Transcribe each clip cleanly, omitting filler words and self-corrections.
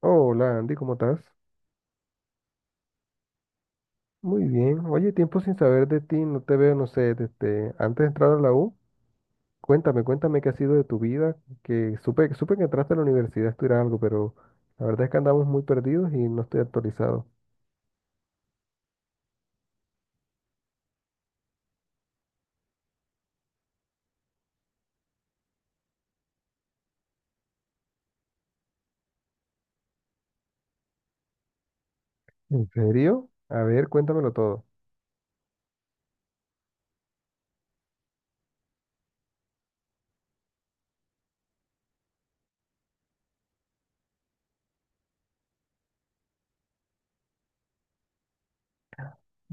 Hola Andy, ¿cómo estás? Muy bien. Oye, tiempo sin saber de ti, no te veo, no sé, desde antes de entrar a la U. Cuéntame, qué ha sido de tu vida, que supe que entraste a la universidad a estudiar algo, pero la verdad es que andamos muy perdidos y no estoy actualizado. ¿En serio? A ver, cuéntamelo todo.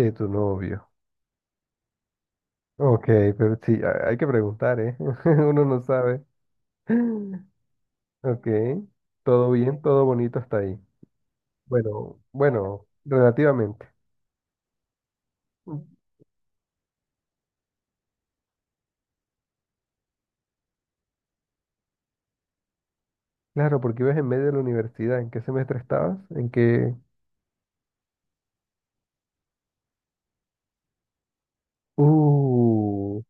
De tu novio. Ok, pero sí, hay que preguntar, ¿eh? Uno no sabe. Ok, todo bien, todo bonito hasta ahí. Bueno, bueno, relativamente. Claro, porque ibas en medio de la universidad. ¿En qué semestre estabas? ¿En qué? uh,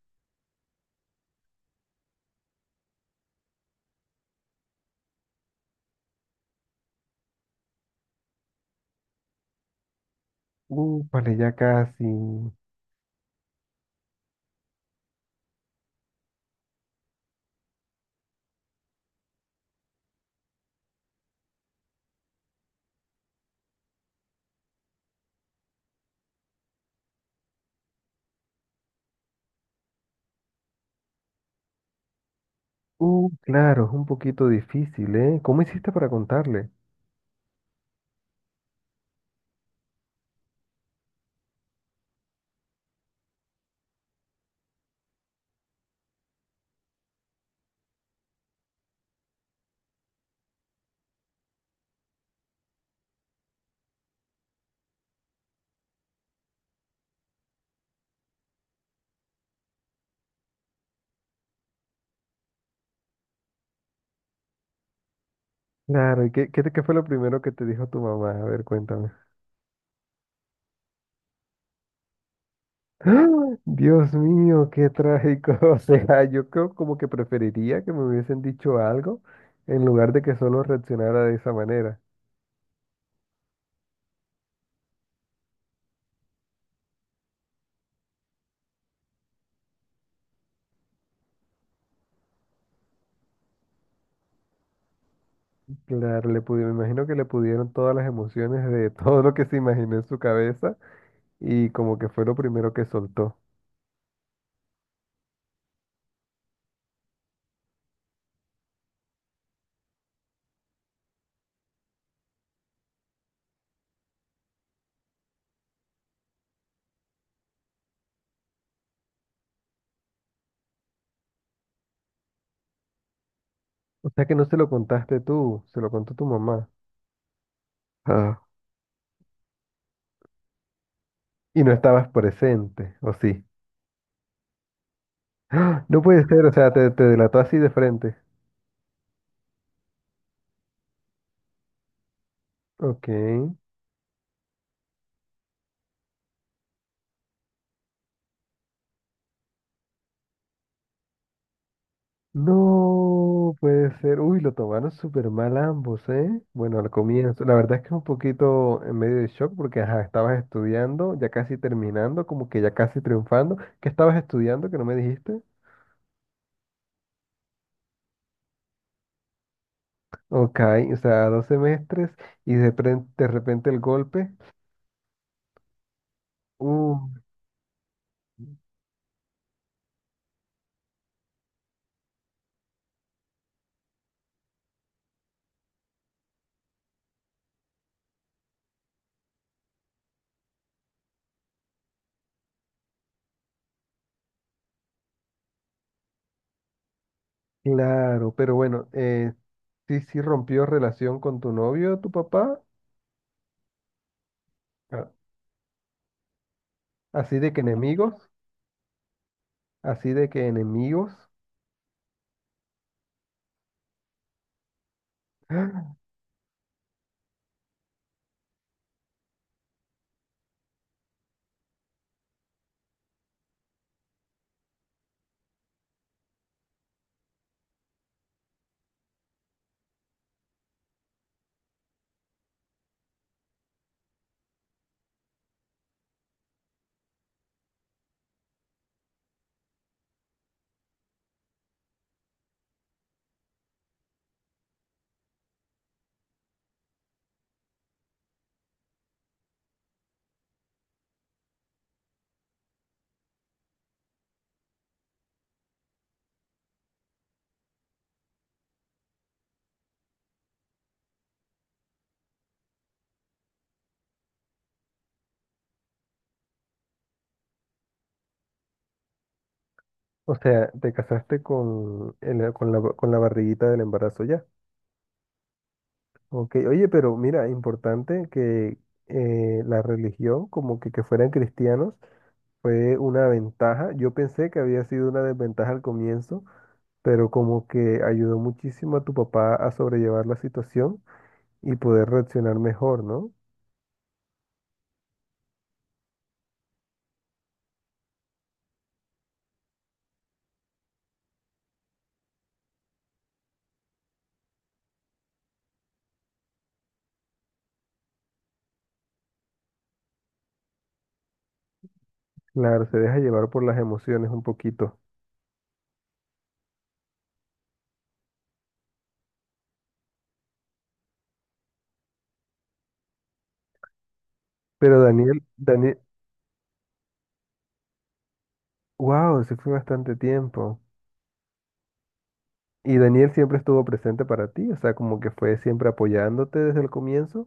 vale, ya casi. Claro, es un poquito difícil, ¿eh? ¿Cómo hiciste para contarle? Claro, ¿y qué fue lo primero que te dijo tu mamá? A ver, cuéntame. ¡Ah! Dios mío, qué trágico. O sea, yo creo como que preferiría que me hubiesen dicho algo en lugar de que solo reaccionara de esa manera. Claro, me imagino que le pudieron todas las emociones de todo lo que se imaginó en su cabeza. Y como que fue lo primero que soltó. O sea que no se lo contaste tú, se lo contó tu mamá. Ah. Y no estabas presente, ¿o sí? ¡Ah! No puede ser, o sea, te, delató así de frente. Ok. No puede ser. Uy, lo tomaron súper mal ambos, ¿eh? Bueno, al comienzo. La verdad es que es un poquito en medio de shock porque, ajá, estabas estudiando, ya casi terminando, como que ya casi triunfando. ¿Qué estabas estudiando que no me dijiste? Ok, o sea, dos semestres y de repente el golpe. Uh, Claro, pero bueno, sí, sí rompió relación con tu novio, tu papá. Ah. Así de que enemigos, así de que enemigos, o sea, te casaste con, con la barriguita del embarazo ya. Ok, oye, pero mira, importante que la religión, como que fueran cristianos, fue una ventaja. Yo pensé que había sido una desventaja al comienzo, pero como que ayudó muchísimo a tu papá a sobrellevar la situación y poder reaccionar mejor, ¿no? Claro, se deja llevar por las emociones un poquito. Pero Daniel, Daniel, wow, se fue bastante tiempo. ¿Y Daniel siempre estuvo presente para ti? O sea, como que fue siempre apoyándote desde el comienzo.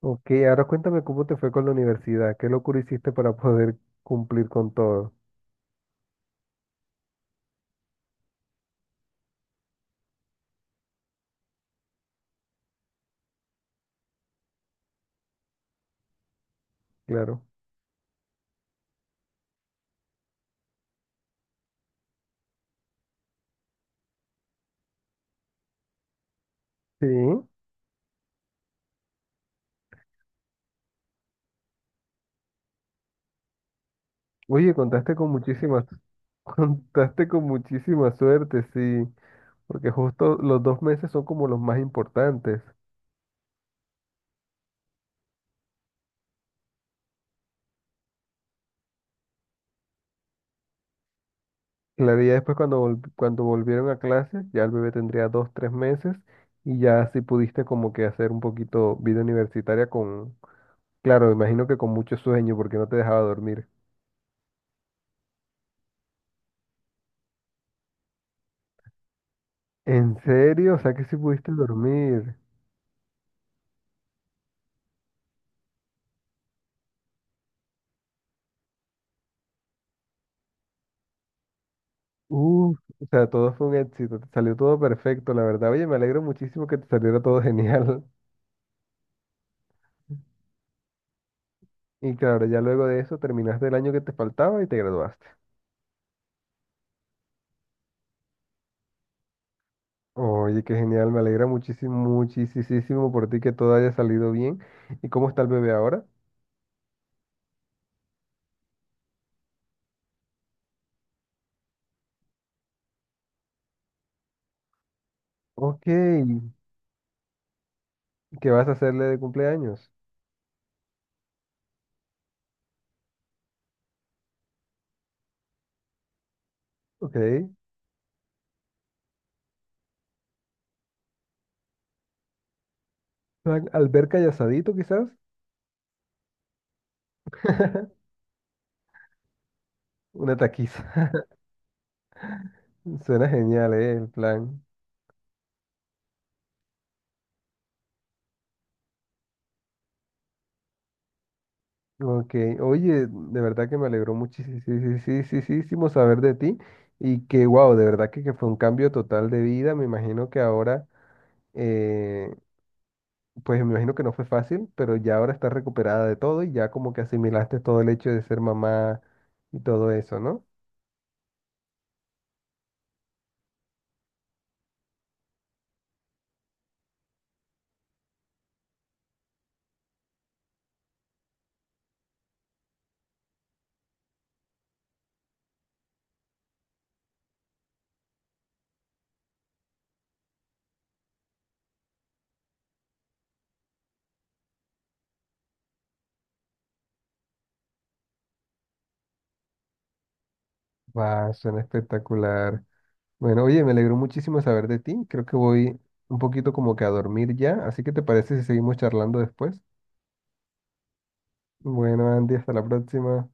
Ok, ahora cuéntame cómo te fue con la universidad. ¿Qué locura hiciste para poder cumplir con todo? Claro. Sí. Oye, contaste con muchísimas, contaste con muchísima suerte, sí. Porque justo los dos meses son como los más importantes. Claro, y ya después cuando, cuando volvieron a clases, ya el bebé tendría dos, tres meses y ya sí pudiste como que hacer un poquito vida universitaria con, claro, imagino que con mucho sueño porque no te dejaba dormir. ¿En serio? O sea que sí pudiste dormir. Uf, o sea, todo fue un éxito, te salió todo perfecto, la verdad. Oye, me alegro muchísimo que te saliera todo genial. Y claro, ya luego de eso terminaste el año que te faltaba y te graduaste. Oye, qué genial, me alegra muchísimo, muchísimo por ti que todo haya salido bien. ¿Y cómo está el bebé ahora? Ok, ¿qué vas a hacerle de cumpleaños? Ok, plan alberca y asadito quizás. Una taquiza. Suena genial, ¿eh? El plan. Ok, oye, de verdad que me alegró muchísimo saber de ti y que, wow, de verdad que fue un cambio total de vida. Me imagino que ahora, eh, pues me imagino que no fue fácil, pero ya ahora estás recuperada de todo y ya como que asimilaste todo el hecho de ser mamá y todo eso, ¿no? Va, suena espectacular. Bueno, oye, me alegró muchísimo saber de ti. Creo que voy un poquito como que a dormir ya, así que ¿te parece si seguimos charlando después? Bueno, Andy, hasta la próxima.